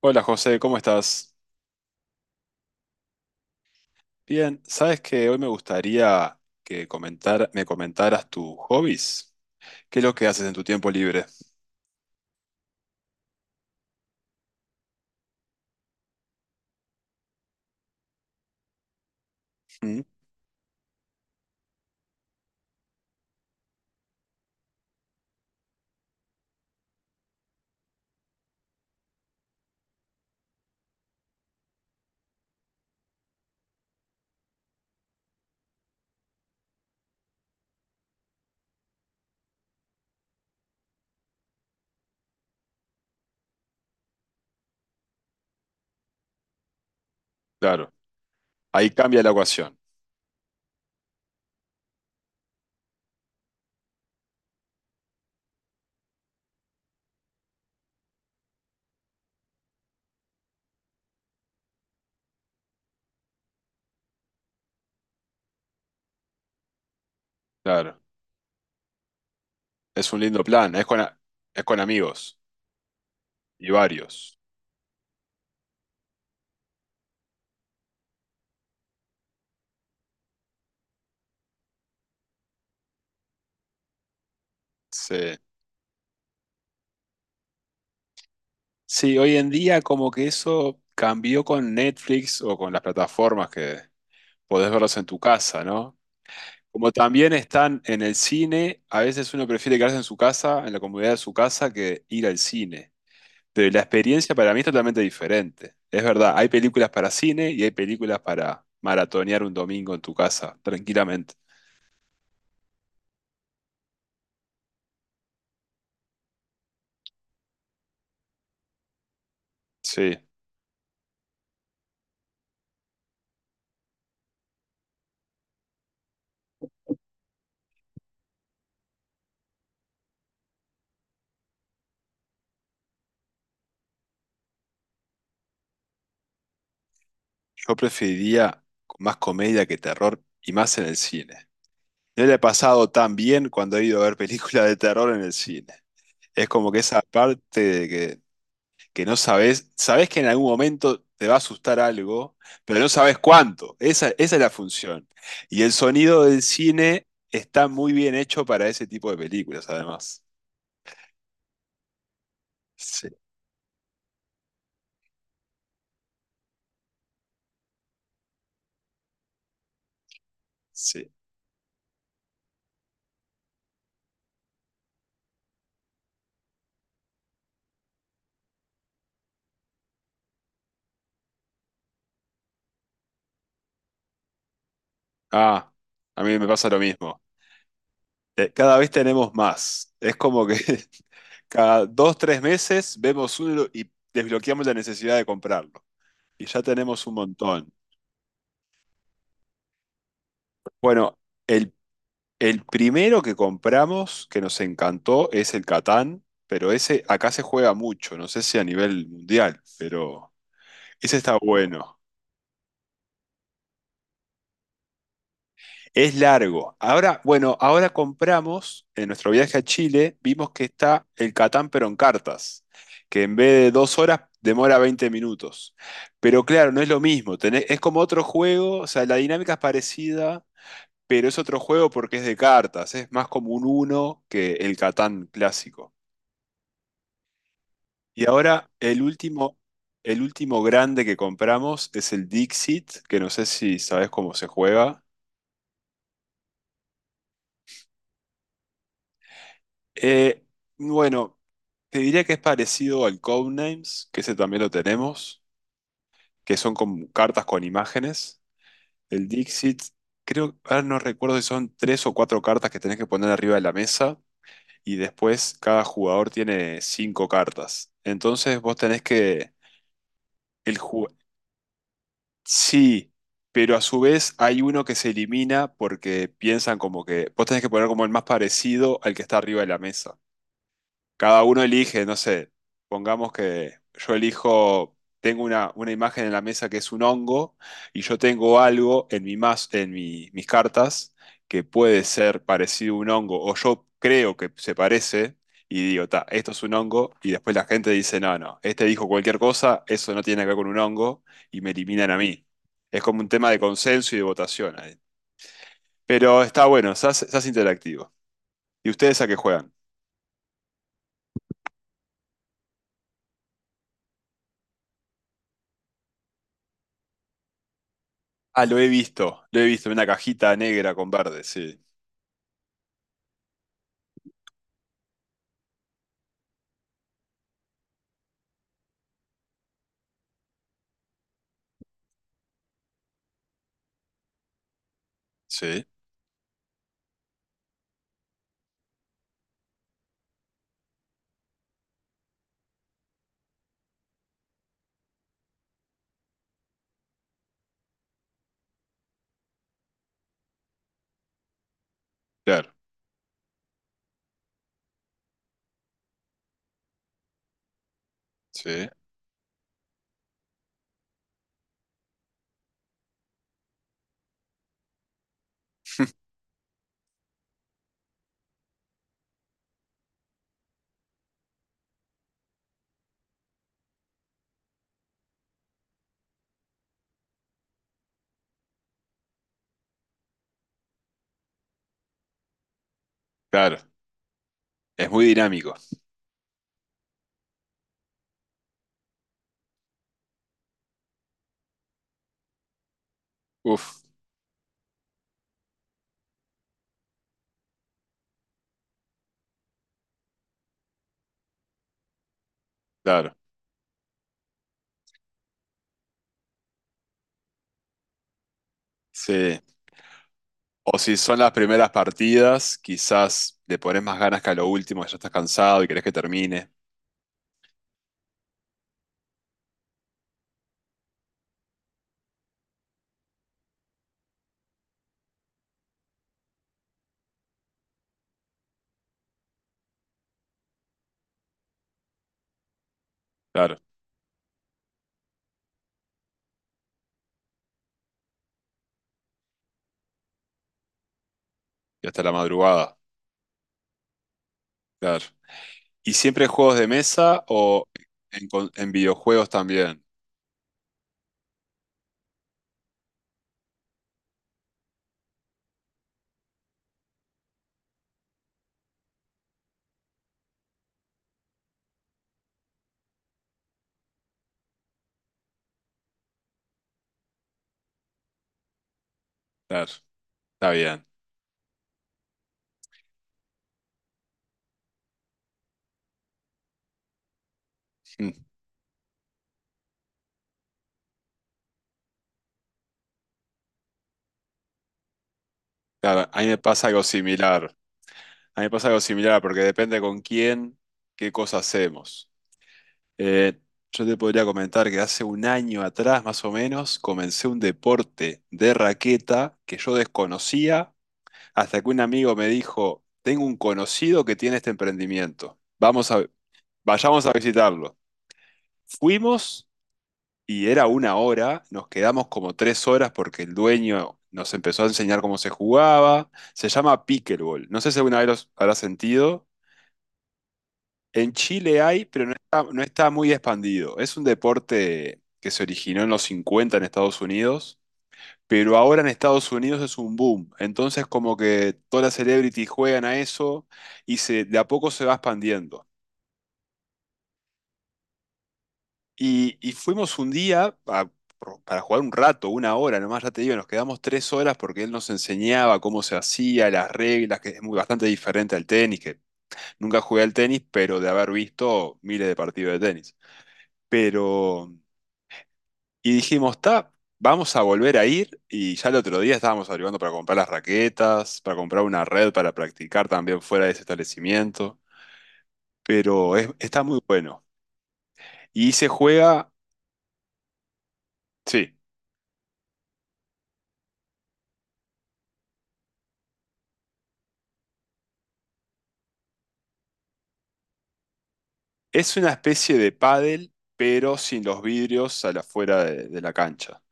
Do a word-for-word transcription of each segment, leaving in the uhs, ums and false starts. Hola José, ¿cómo estás? Bien, sabes que hoy me gustaría que comentar, me comentaras tus hobbies. ¿Qué es lo que haces en tu tiempo libre? Mm. Claro, ahí cambia la ecuación. Claro, es un lindo plan, es con, a- es con amigos y varios. Sí. Sí, hoy en día como que eso cambió con Netflix o con las plataformas que podés verlos en tu casa, ¿no? Como también están en el cine, a veces uno prefiere quedarse en su casa, en la comodidad de su casa, que ir al cine. Pero la experiencia para mí es totalmente diferente. Es verdad, hay películas para cine y hay películas para maratonear un domingo en tu casa, tranquilamente. Sí, yo preferiría más comedia que terror y más en el cine. No le he pasado tan bien cuando he ido a ver películas de terror en el cine. Es como que esa parte de que que no sabes, sabes que en algún momento te va a asustar algo, pero no sabes cuánto. Esa, esa es la función. Y el sonido del cine está muy bien hecho para ese tipo de películas, además. Sí, sí. Ah, a mí me pasa lo mismo. Eh, Cada vez tenemos más. Es como que cada dos, tres meses vemos uno y desbloqueamos la necesidad de comprarlo. Y ya tenemos un montón. Bueno, el El primero que compramos que nos encantó es el Catán, pero ese acá se juega mucho, no sé si a nivel mundial, pero ese está bueno. Es largo. Ahora, bueno, ahora compramos, en nuestro viaje a Chile, vimos que está el Catán pero en cartas, que en vez de dos horas demora veinte minutos. Pero claro, no es lo mismo, tenés- es como otro juego, o sea, la dinámica es parecida, pero es otro juego porque es de cartas, es más como un uno que el Catán clásico. Y ahora el último, el último grande que compramos es el Dixit, que no sé si sabes cómo se juega. Eh, bueno, te diría que es parecido al Codenames, que ese también lo tenemos, que son como cartas con imágenes. El Dixit, creo, ahora no recuerdo si son tres o cuatro cartas que tenés que poner arriba de la mesa y después cada jugador tiene cinco cartas. Entonces vos tenés que... El, ju- Sí, pero a su vez hay uno que se elimina porque piensan como que vos tenés que poner como el más parecido al que está arriba de la mesa. Cada uno elige, no sé, pongamos que yo elijo, tengo una, una imagen en la mesa que es un hongo y yo tengo algo en, mi mas- en mi- mis cartas que puede ser parecido a un hongo o yo creo que se parece y digo, ta, esto es un hongo y después la gente dice, no, no, este dijo cualquier cosa, eso no tiene que ver con un hongo y me eliminan a mí. Es como un tema de consenso y de votación ahí. Pero está bueno, se hace se hace interactivo. ¿Y ustedes a qué juegan? Ah, lo he visto, lo he visto, en una cajita negra con verde, sí, sí, claro, sí, claro, es muy dinámico, uf, claro, sí. O si son las primeras partidas, quizás le pones más ganas que a lo último, que ya estás cansado y querés que termine. Claro, y hasta la madrugada. Claro. ¿Y siempre juegos de mesa o en, con- en videojuegos también? Claro, está bien. Mm. Claro, a mí me pasa algo similar. A mí me pasa algo similar porque depende con quién, qué cosa hacemos. Eh, yo te podría comentar que hace un año atrás, más o menos, comencé un deporte de raqueta que yo desconocía hasta que un amigo me dijo, tengo un conocido que tiene este emprendimiento. Vamos a, vayamos a visitarlo. Fuimos, y era una hora, nos quedamos como tres horas porque el dueño nos empezó a enseñar cómo se jugaba. Se llama pickleball. No sé si alguna vez los habrá sentido. En Chile hay, pero no está, no está muy expandido. Es un deporte que se originó en los cincuenta en Estados Unidos, pero ahora en Estados Unidos es un boom. Entonces como que todas las celebrities juegan a eso y se, de a poco se va expandiendo. Y, y fuimos un día a- pro- para jugar un rato, una hora nomás, ya te digo, nos quedamos tres horas porque él nos enseñaba cómo se hacía, las reglas, que es muy, bastante diferente al tenis, que nunca jugué al tenis, pero de haber visto miles de partidos de tenis. Pero, y dijimos, está, vamos a volver a ir, y ya el otro día estábamos averiguando para comprar las raquetas, para comprar una red para practicar también fuera de ese establecimiento, pero es- está muy bueno. Y se juega, sí. Es una especie de pádel, pero sin los vidrios a la fuera de, de la cancha.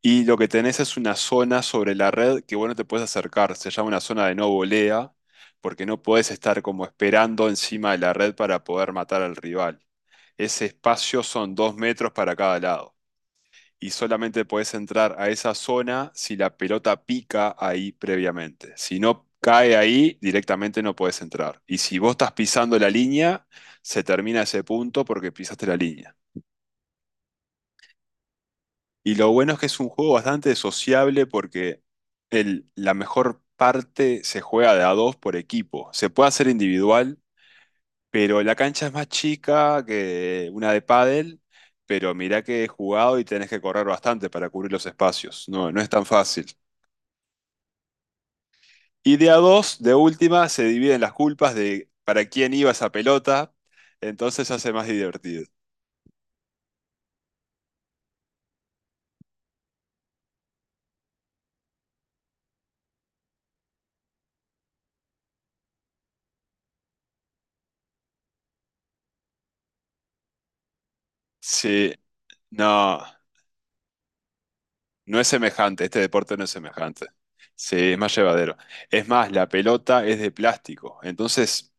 Y lo que tenés es una zona sobre la red que vos no te puedes acercar. Se llama una zona de no volea, porque no podés estar como esperando encima de la red para poder matar al rival. Ese espacio son dos metros para cada lado y solamente podés entrar a esa zona si la pelota pica ahí previamente. Si no cae ahí, directamente no podés entrar. Y si vos estás pisando la línea, se termina ese punto porque pisaste la línea. Y lo bueno es que es un juego bastante sociable porque el- la mejor parte se juega de a dos por equipo. Se puede hacer individual, pero la cancha es más chica que una de pádel. Pero mirá que he jugado y tenés que correr bastante para cubrir los espacios. No, no es tan fácil. Y de a dos, de última, se dividen las culpas de para quién iba esa pelota, entonces se hace más divertido. Sí, no, no es semejante, este deporte no es semejante. Sí, es más llevadero. Es más, la pelota es de plástico, entonces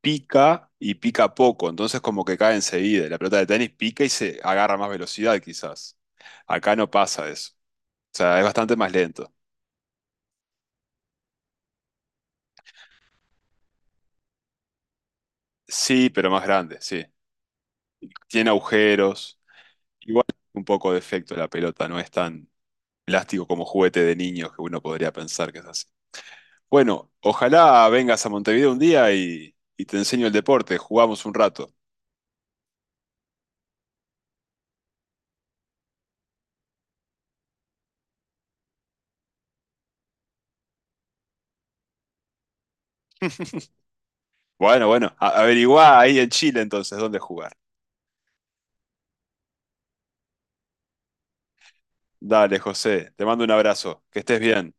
pica y pica poco, entonces como que cae enseguida. La pelota de tenis pica y se agarra más velocidad quizás. Acá no pasa eso. O sea, es bastante más lento. Sí, pero más grande, sí. Tiene agujeros. Igual un poco de efecto la pelota, no es tan plástico como juguete de niños que uno podría pensar que es así. Bueno, ojalá vengas a Montevideo un día y, y te enseño el deporte, jugamos un rato. Bueno, bueno, a- averiguá ahí en Chile entonces dónde jugar. Dale, José, te mando un abrazo, que estés bien.